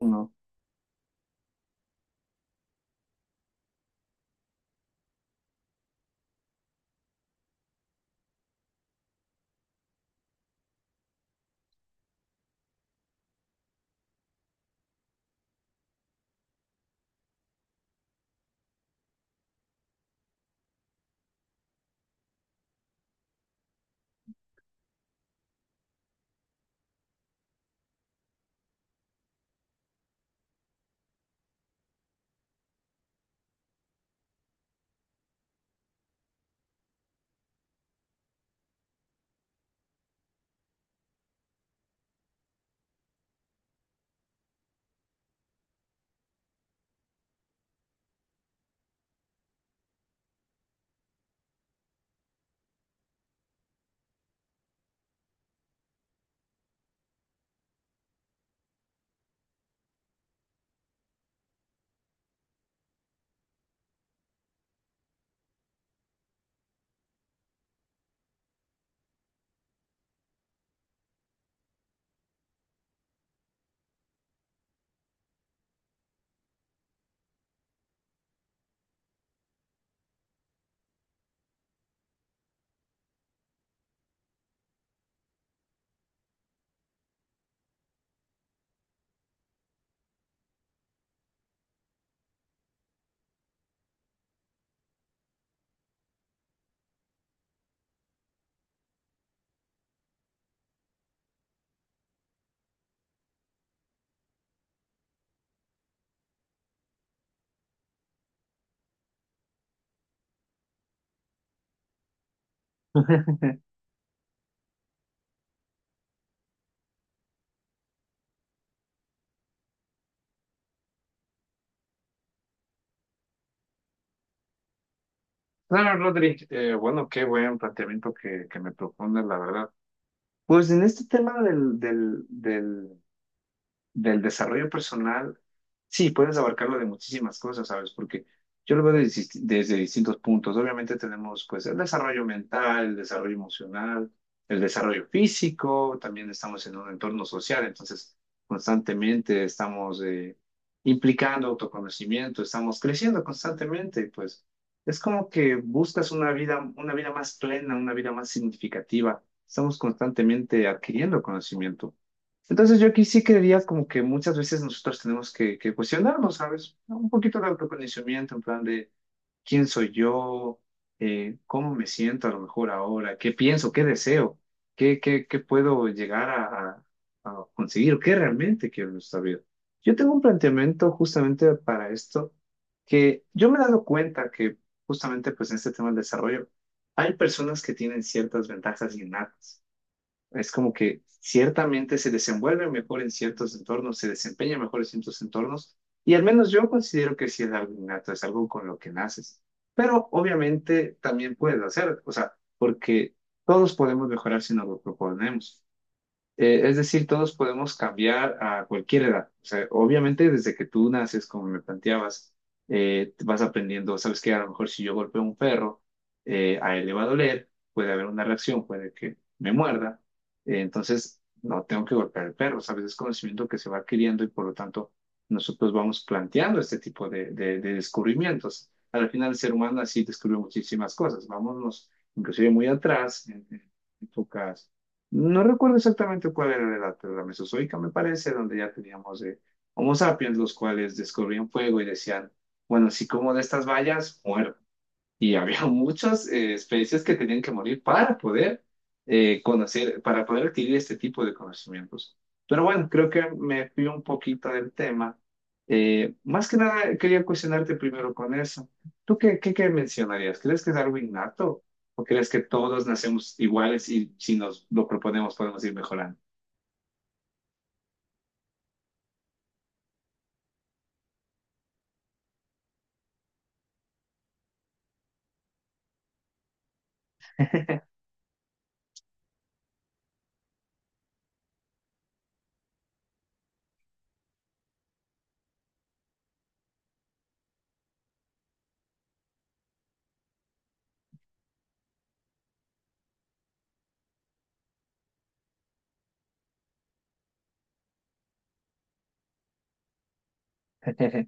No. No, Rodri, bueno, qué buen planteamiento que me propone, la verdad. Pues en este tema del desarrollo personal, sí, puedes abarcarlo de muchísimas cosas, ¿sabes? Porque yo lo veo desde distintos puntos. Obviamente tenemos, pues, el desarrollo mental, el desarrollo emocional, el desarrollo físico, también estamos en un entorno social, entonces constantemente estamos implicando autoconocimiento, estamos creciendo constantemente, y, pues es como que buscas una vida más plena, una vida más significativa. Estamos constantemente adquiriendo conocimiento. Entonces yo aquí sí creería como que muchas veces nosotros tenemos que cuestionarnos, ¿sabes? Un poquito de autoconocimiento en plan de quién soy yo. Cómo me siento a lo mejor ahora, qué pienso, qué deseo, qué puedo llegar a- a conseguir, o qué realmente quiero en esta vida. Yo tengo un planteamiento justamente para esto, que yo me he dado cuenta que justamente pues en este tema del desarrollo hay personas que tienen ciertas ventajas innatas. Es como que ciertamente se desenvuelve mejor en ciertos entornos, se desempeña mejor en ciertos entornos, y al menos yo considero que sí es algo innato, es algo con lo que naces. Pero obviamente también puedes hacer, o sea, porque todos podemos mejorar si nos lo proponemos. Es decir, todos podemos cambiar a cualquier edad. O sea, obviamente desde que tú naces, como me planteabas, vas aprendiendo, sabes que a lo mejor si yo golpeo a un perro, a él le va a doler, puede haber una reacción, puede que me muerda. Entonces, no tengo que golpear al perro, sabes, es conocimiento que se va adquiriendo y por lo tanto nosotros vamos planteando este tipo de descubrimientos. Al final, el ser humano así descubrió muchísimas cosas. Vámonos inclusive muy atrás, en épocas, no recuerdo exactamente cuál era la edad, pero la mesozoica me parece, donde ya teníamos Homo sapiens, los cuales descubrían fuego y decían, bueno, si como de estas vallas, muero. Y había muchas especies que tenían que morir para poder conocer, para poder adquirir este tipo de conocimientos. Pero bueno, creo que me fui un poquito del tema. Más que nada, quería cuestionarte primero con eso. ¿Tú qué mencionarías? ¿Crees que es algo innato? ¿O crees que todos nacemos iguales y si nos lo proponemos podemos ir mejorando?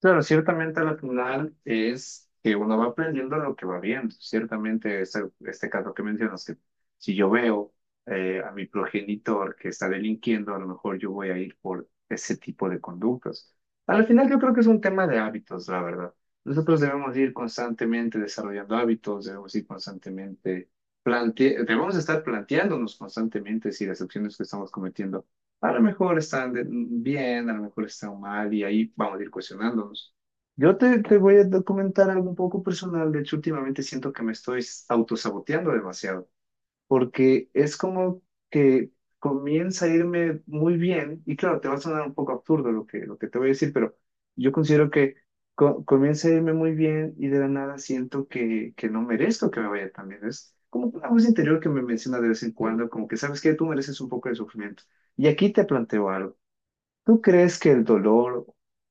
Claro, ciertamente la final es que uno va aprendiendo lo que va viendo. Ciertamente, este caso que mencionas, que si yo veo a mi progenitor que está delinquiendo, a lo mejor yo voy a ir por ese tipo de conductas. Al final, yo creo que es un tema de hábitos, la verdad. Nosotros debemos ir constantemente desarrollando hábitos, debemos ir constantemente plante, debemos estar planteándonos constantemente si las acciones que estamos cometiendo a lo mejor están de- bien, a lo mejor están mal y ahí vamos a ir cuestionándonos. Yo te voy a documentar algo un poco personal. De hecho, últimamente siento que me estoy autosaboteando demasiado porque es como que comienza a irme muy bien, y claro, te va a sonar un poco absurdo lo que te voy a decir, pero yo considero que comienza a irme muy bien y de la nada siento que no merezco que me vaya tan bien. Es como una voz interior que me menciona de vez en cuando, como que sabes que tú mereces un poco de sufrimiento. Y aquí te planteo algo. ¿Tú crees que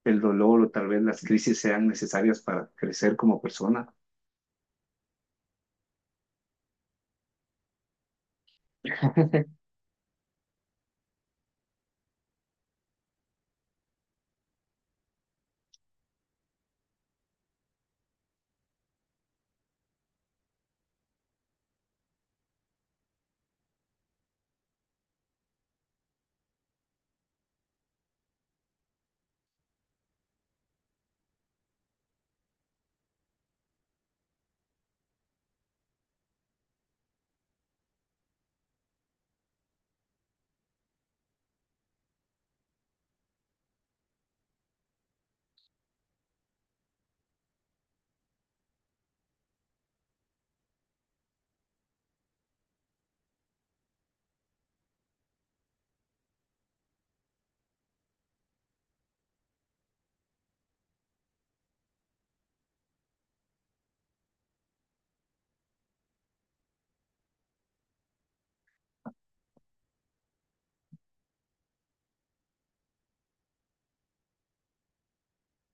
el dolor o tal vez las crisis sean necesarias para crecer como persona?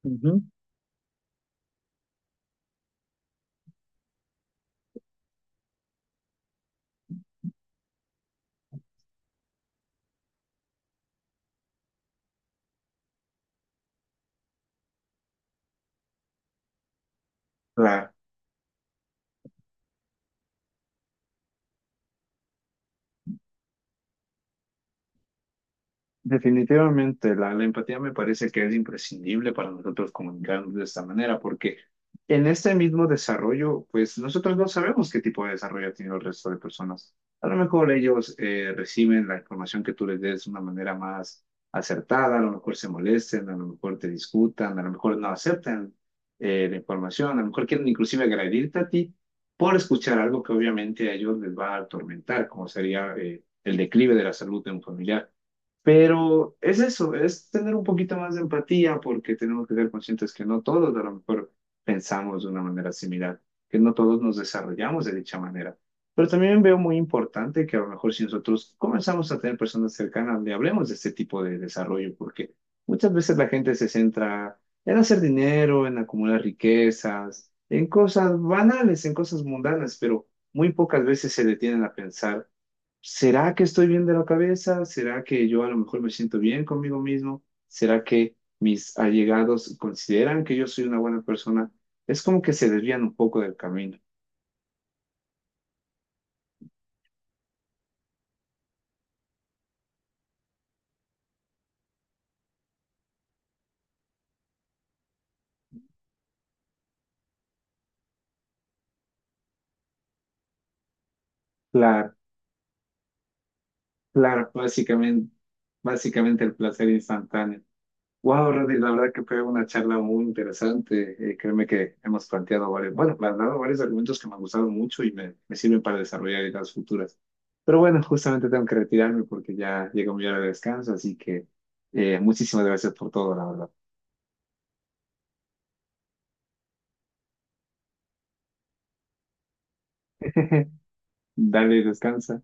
Ujú. Claro. Definitivamente, la empatía me parece que es imprescindible para nosotros comunicarnos de esta manera, porque en este mismo desarrollo, pues nosotros no sabemos qué tipo de desarrollo ha tenido el resto de personas. A lo mejor ellos reciben la información que tú les des de una manera más acertada, a lo mejor se molesten, a lo mejor te discutan, a lo mejor no aceptan la información, a lo mejor quieren inclusive agredirte a ti por escuchar algo que obviamente a ellos les va a atormentar, como sería el declive de la salud de un familiar. Pero es eso, es tener un poquito más de empatía porque tenemos que ser conscientes que no todos a lo mejor pensamos de una manera similar, que no todos nos desarrollamos de dicha manera. Pero también veo muy importante que a lo mejor si nosotros comenzamos a tener personas cercanas, le hablemos de este tipo de desarrollo, porque muchas veces la gente se centra en hacer dinero, en acumular riquezas, en cosas banales, en cosas mundanas, pero muy pocas veces se detienen a pensar. ¿Será que estoy bien de la cabeza? ¿Será que yo a lo mejor me siento bien conmigo mismo? ¿Será que mis allegados consideran que yo soy una buena persona? Es como que se desvían un poco del camino. Claro, claro, básicamente, básicamente el placer instantáneo. Wow, Rodri, la verdad que fue una charla muy interesante. Créeme que hemos planteado varios, bueno, me has dado varios argumentos que me han gustado mucho y me sirven para desarrollar ideas futuras. Pero bueno, justamente tengo que retirarme porque ya llegó mi hora de descanso, así que muchísimas gracias por todo, la verdad. Dale, descansa.